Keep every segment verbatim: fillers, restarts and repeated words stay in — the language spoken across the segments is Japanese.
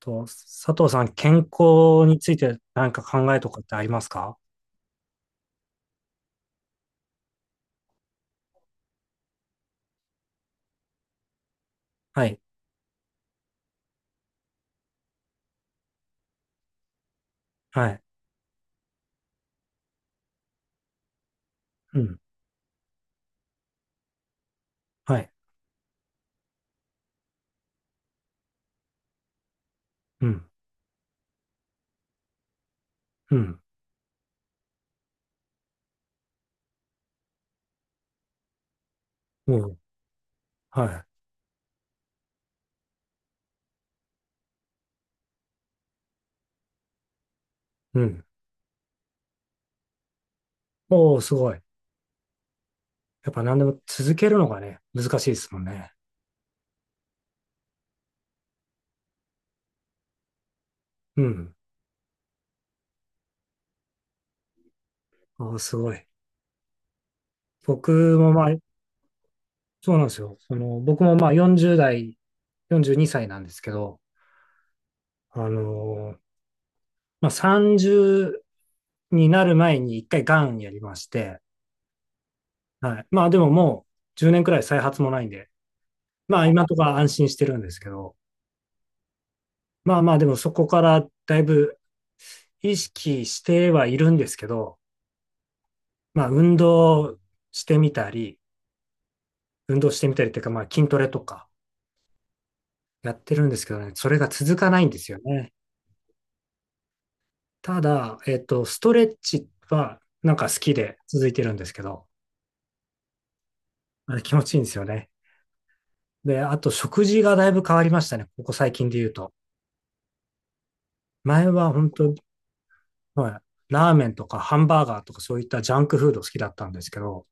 と、佐藤さん、健康について何か考えとかってありますか？はい。はい。うん。はい。うん。うん。うん。はい。うん。おー、すごい。やっぱ何でも続けるのがね、難しいですもんね。うん。おー、すごい。僕もまあ、そうなんですよ。その、僕もまあよんじゅう代、よんじゅうにさいなんですけど、あのーまあ、さんじゅうになる前に一回がんやりまして、はい。まあでももうじゅうねんくらい再発もないんで、まあ今のとか安心してるんですけど、まあまあでもそこからだいぶ意識してはいるんですけど、まあ運動してみたり、運動してみたりっていうかまあ筋トレとかやってるんですけどね、それが続かないんですよね。ただ、えっと、ストレッチはなんか好きで続いてるんですけど、あれ気持ちいいんですよね。で、あと食事がだいぶ変わりましたね、ここ最近で言うと。前は本当、はい、ラーメンとかハンバーガーとかそういったジャンクフード好きだったんですけど、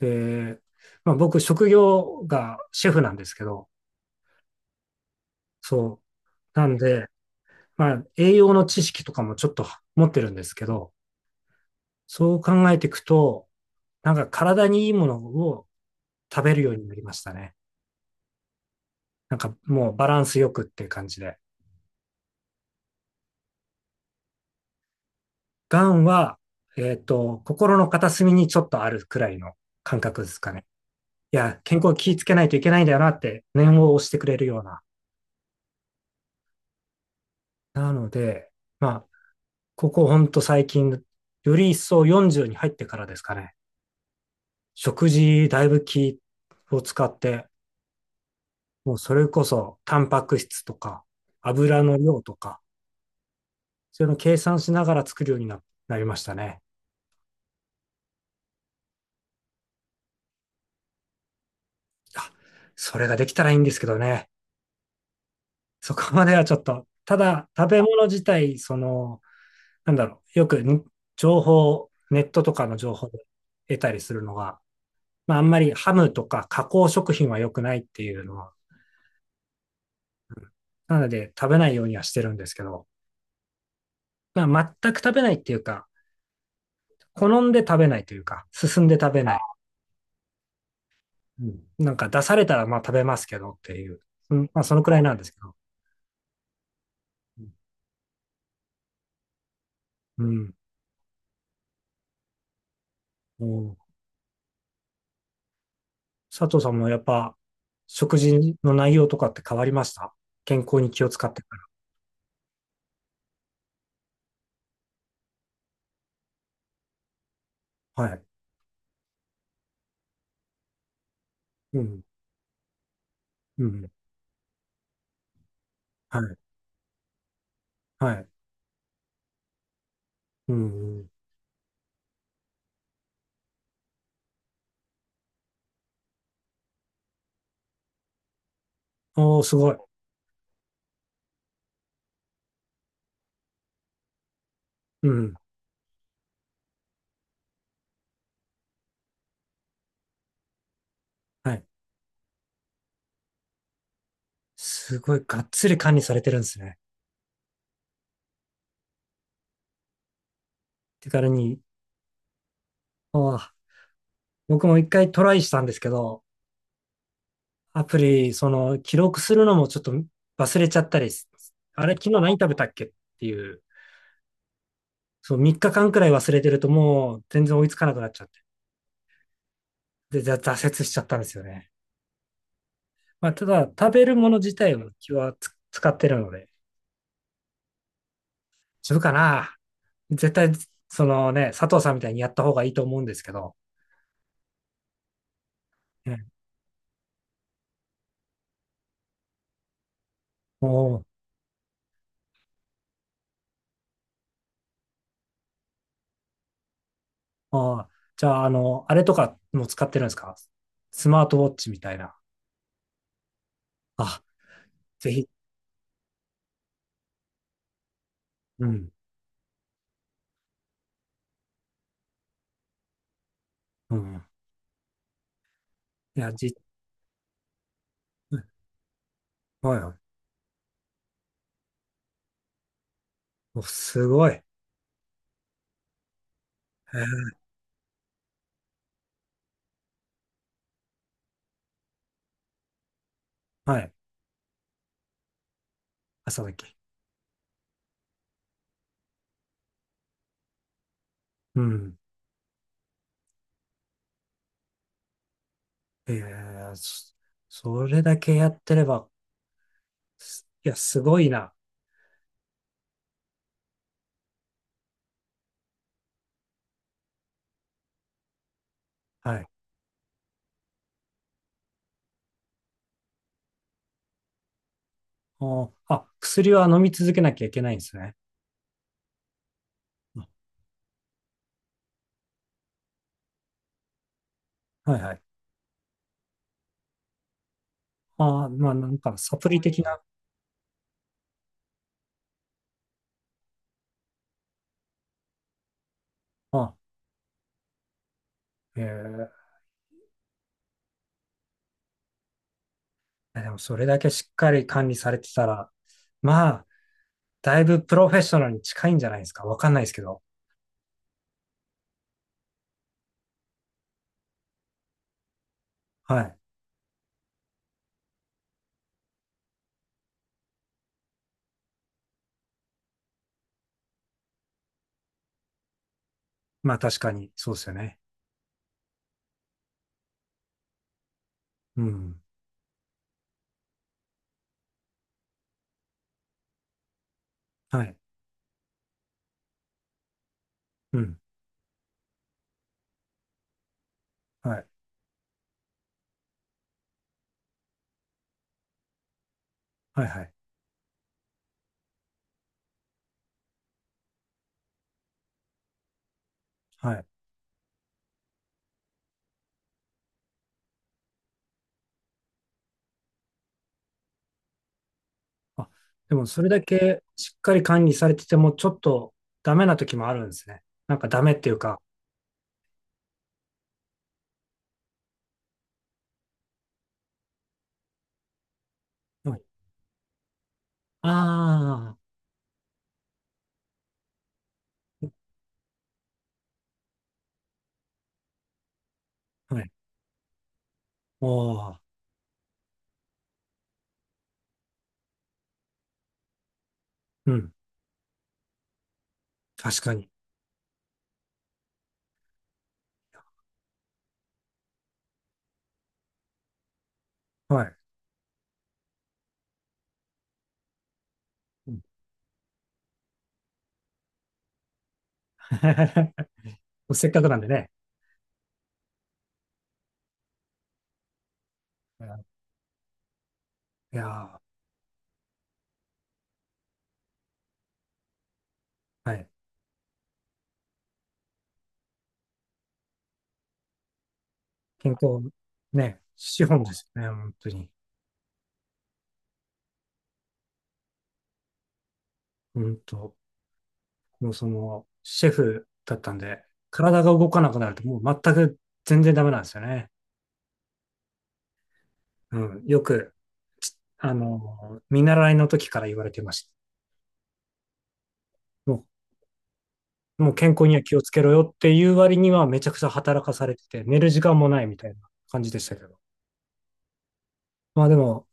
で、まあ、僕、職業がシェフなんですけど、そう。なんで、まあ、栄養の知識とかもちょっと持ってるんですけど、そう考えていくと、なんか体にいいものを食べるようになりましたね。なんかもうバランスよくっていう感じで。がんは、えっと、心の片隅にちょっとあるくらいの感覚ですかね。いや、健康気をつけないといけないんだよなって念を押してくれるような。なので、まあ、ここほんと最近、より一層よんじゅうに入ってからですかね。食事だいぶ気を使って、もうそれこそタンパク質とか油の量とか、そういうの計算しながら作るようにななりましたね。あ、それができたらいいんですけどね。そこまではちょっと、ただ食べ物自体、その、なんだろう、よくに情報、ネットとかの情報で得たりするのが、まああんまりハムとか加工食品は良くないっていうのはなので、食べないようにはしてるんですけど、まあ、全く食べないっていうか、好んで食べないというか、進んで食べない。うん、なんか出されたらまあ食べますけどっていう、うん、まあそのくらいなんですけど。うん。も佐藤さんもやっぱ食事の内容とかって変わりました？健康に気を使ってから。はい。うん。うん。はい。はい。うん。おー、すごい。うん。はい。すごい、がっつり管理されてるんですね。手軽に。ああ、僕も一回トライしたんですけど、アプリ、その、記録するのもちょっと忘れちゃったりす、あれ、昨日何食べたっけっていう、そう、みっかかんくらい忘れてるともう全然追いつかなくなっちゃって、で、ざ挫折しちゃったんですよね。まあ、ただ、食べるもの自体も気はつ使ってるので、自分かな絶対、そのね、佐藤さんみたいにやった方がいいと思うんですけど、ね、もう、ああ、じゃあ、あの、あれとかも使ってるんですか？スマートウォッチみたいな。あ、ぜひ、うん、うん。いや、じ、はいはい。お、すごい。えーはい。朝だけ。うん。えー、そそれだけやってれば、すいや、すごいな。はい。お、あ、薬は飲み続けなきゃいけないんですね。あはいはい。あ、まあなんかサプリ的な。あ、えー、えでもそれだけしっかり管理されてたら、まあ、だいぶプロフェッショナルに近いんじゃないですか。わかんないですけど。はい。まあ確かに、そうですよね。うん。はい。うん。はい。はいはい。はい。あ、でもそれだけしっかり管理されてても、ちょっとダメな時もあるんですね。なんかダメっていうか、はい。ああ、はい。おー、うん、確かに。はい。うん せっかくなんでね。いやー、はい。健康、ね、資本ですよね、本当に。うんと、もうその、シェフだったんで、体が動かなくなると、もう全く全然ダメなんですよね。うん、よく、あの、見習いの時から言われてました。もう健康には気をつけろよっていう割にはめちゃくちゃ働かされてて、寝る時間もないみたいな感じでしたけど。まあでも、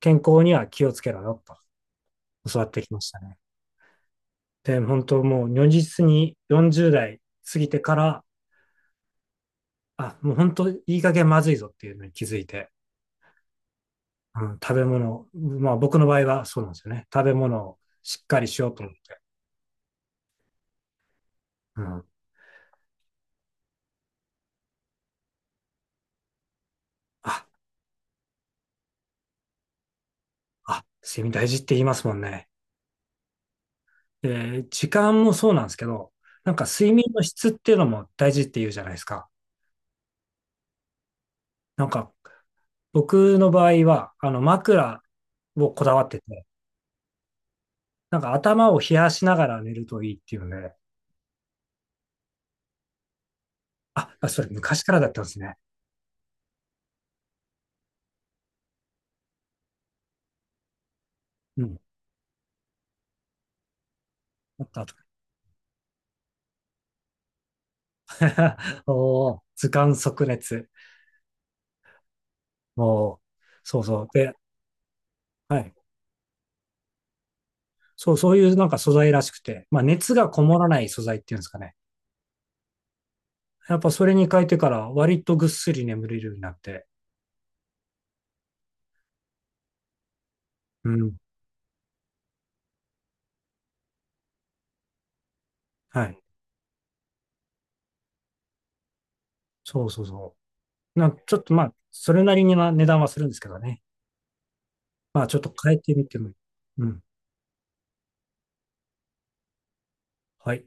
健康には気をつけろよと教わってきましたね。で、本当もう如実によんじゅう代過ぎてから、あ、もう本当いい加減まずいぞっていうのに気づいて、うん、食べ物、まあ僕の場合はそうなんですよね。食べ物をしっかりしようと思って。うん、あ、あ、睡眠大事って言いますもんね。で、時間もそうなんですけど、なんか睡眠の質っていうのも大事って言うじゃないですか。なんか僕の場合は、あの枕をこだわってて、なんか頭を冷やしながら寝るといいっていうので、あ、あそれ昔からだったんですね。うん。あったあった おー、図鑑即熱。もう、そうそう。で、はい。そう、そういうなんか素材らしくて、まあ熱がこもらない素材っていうんですかね。やっぱそれに変えてから割とぐっすり眠れるようになって、うん。はい。そうそうそう。なちょっとまあ、それなりには値段はするんですけどね。まあ、ちょっと変えてみても。うん。はい。